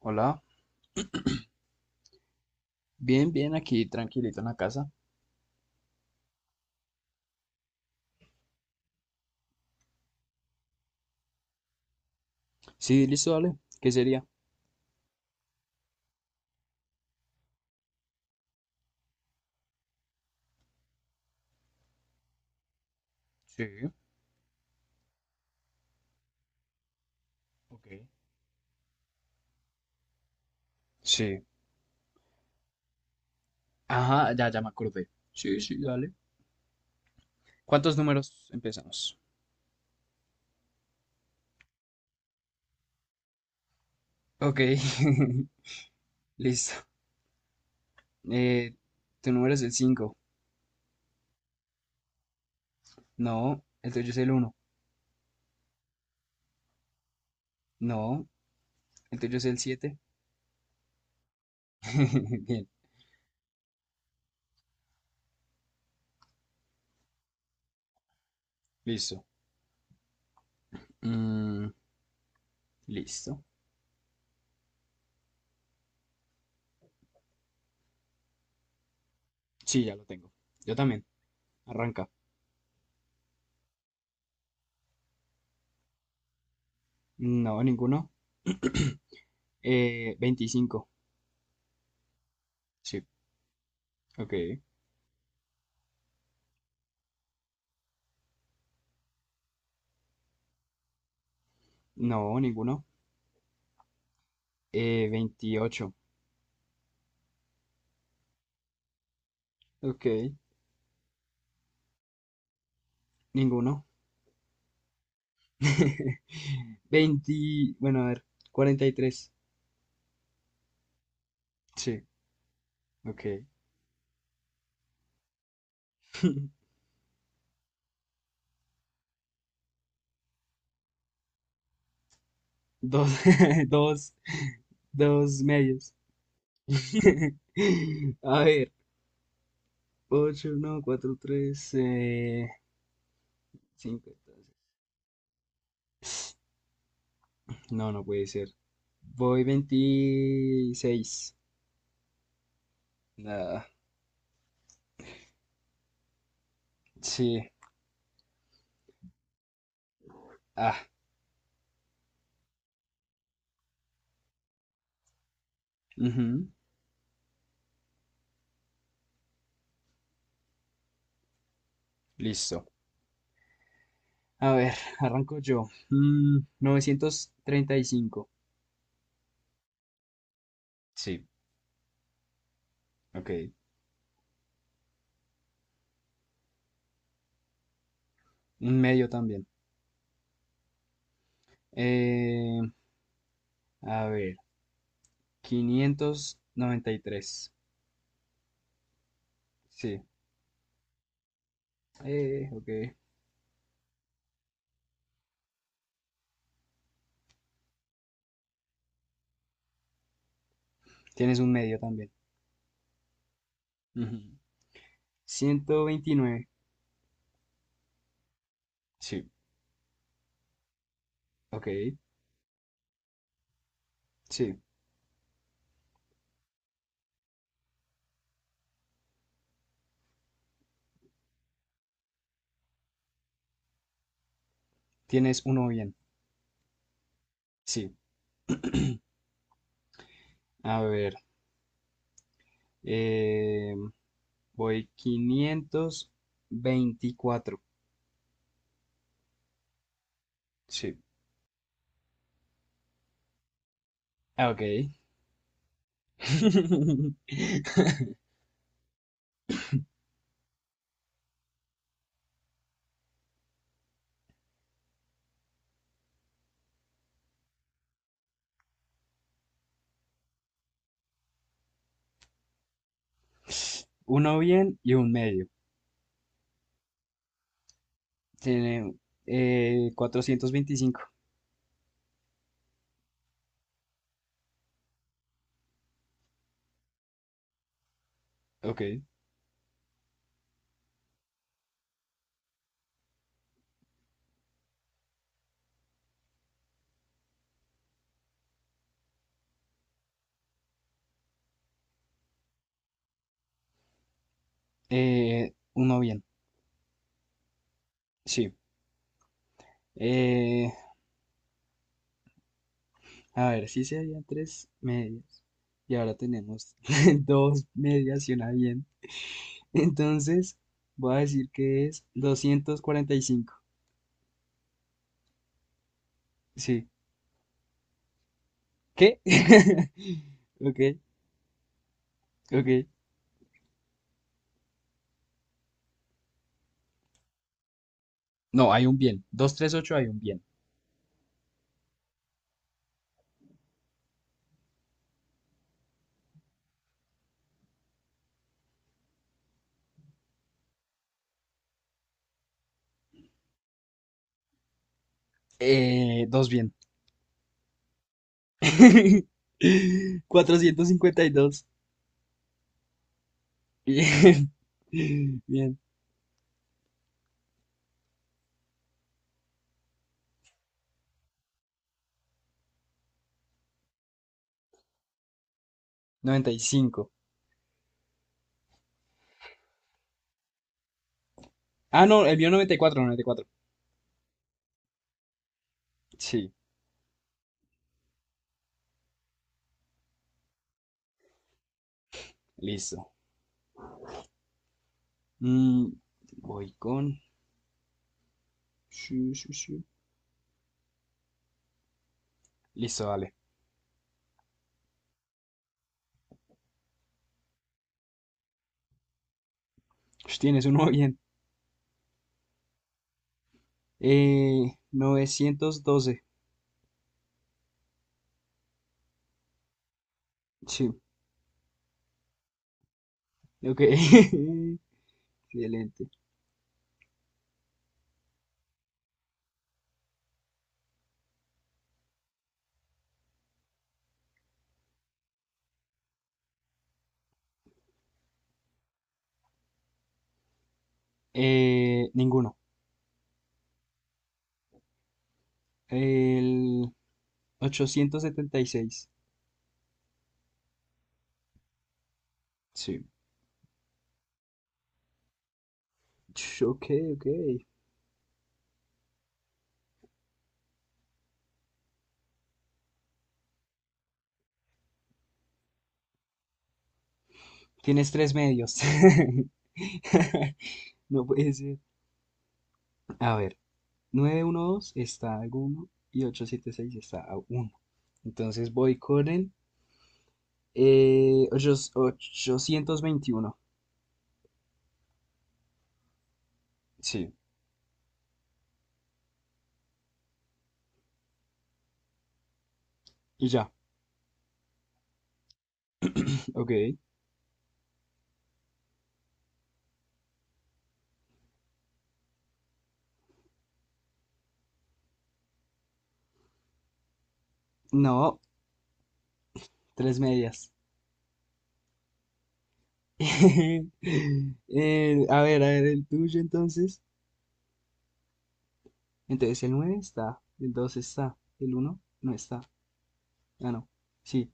Hola, bien, bien, aquí tranquilito en la casa. Sí, listo, dale. ¿Qué sería? Sí, ok. Sí. Ajá, ya me acordé. Sí, sí, dale. ¿Cuántos números empezamos? Ok, listo. Eh, Tu número es el 5. No, el tuyo es el uno. No, el tuyo es el siete. Bien, listo. Mm, Listo. Sí, ya lo tengo. Yo también. Arranca. No, ninguno. Veinticinco. Sí, ok. No, ninguno. 28. Ok, ninguno. 20, bueno, a ver, cuarenta y tres. Sí, ok. Dos, dos, dos medios. A ver, 8 no, 4 3 cinco. No, no puede ser. Voy veintiséis. Ah, sí. Ah, ujú. Listo. A ver, arranco yo. Novecientos treinta y cinco. Sí, ok, un medio también. Eh, a ver, Quinientos noventa y tres. Sí, ok. Tienes un medio también. Ujú. Ciento veintinueve. Sí, ok, sí. Tienes uno bien. Sí, a ver. eh, Voy quinientos veinticuatro. Sí, ok. Uno bien y un medio. Tiene 425. Ok. Uno bien, sí. Eh, a ver, sí serían tres medias. Y ahora tenemos dos medias y una bien. Entonces, voy a decir que es doscientos cuarenta y cinco. Sí. ¿Qué? Ok, ok. No, hay un bien. Doscientos treinta y ocho hay un bien. Dos bien. Cuatrocientos cincuenta y dos. Bien. Bien. Noventa y cinco. Ah, no, el mío noventa y cuatro, noventa y cuatro. Sí, listo. Mm, Voy con... shu, shu, shu. Listo, vale. Tienes uno bien. Novecientos doce. Sí, ok. Excelente. Ninguno. El 876. Sí. Ok, ok. Tienes tres medios. No puede ser. A ver, 912 está a uno y 876 está a uno. Entonces voy con el ochocientos veintiuno. Sí. Y ya. Ok. No, tres medias. A ver, a ver, el tuyo entonces. Entonces el 9 está, el 2 está, el uno no está. Ah, no. Sí.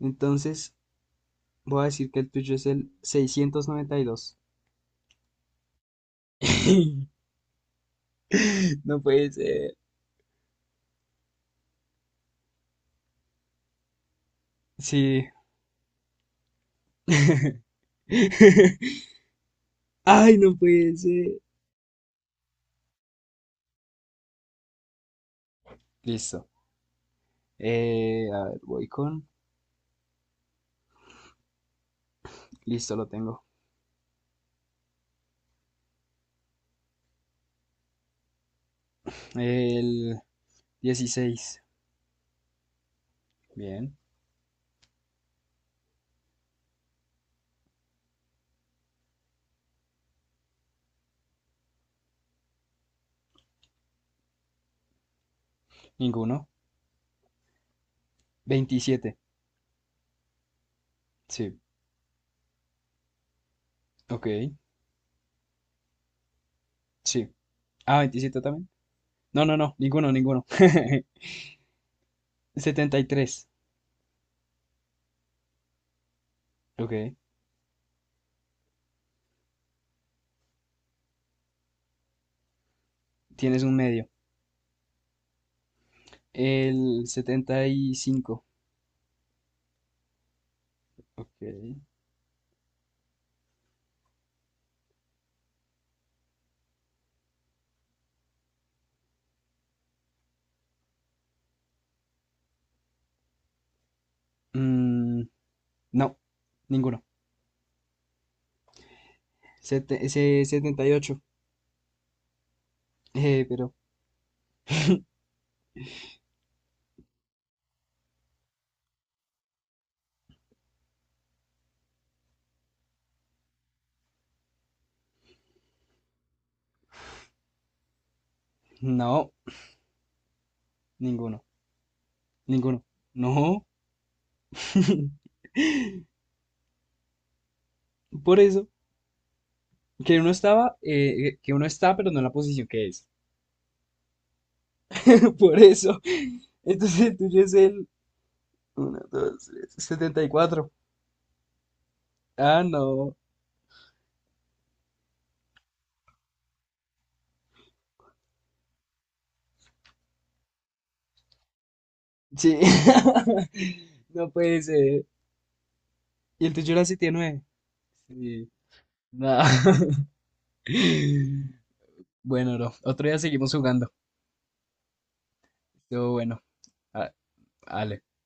Entonces voy a decir que el tuyo es el seiscientos noventa y dos. No puede ser. Sí. Ay, no puede ser. Listo. A ver, voy con... Listo, lo tengo. El dieciséis. Bien. Ninguno. Veintisiete. Sí. Ok. Sí. Ah, veintisiete también. No, no, no. Ninguno, ninguno. Setenta y tres. Ok. Tienes un medio. El 75. Ok. Mm, no. Ninguno. Ese 78. Eh, pero. No. Ninguno. Ninguno. No. Por eso. Que uno estaba. Que uno está, pero no en la posición que es. Por eso. Entonces el tuyo es el 1, 2, 3, 74. Ah, no. Sí. No puede ser. ¿Y el tuyo era setenta y nueve? Sí. No. Bueno, bro. Otro día seguimos jugando. Todo bueno. Ah, vale.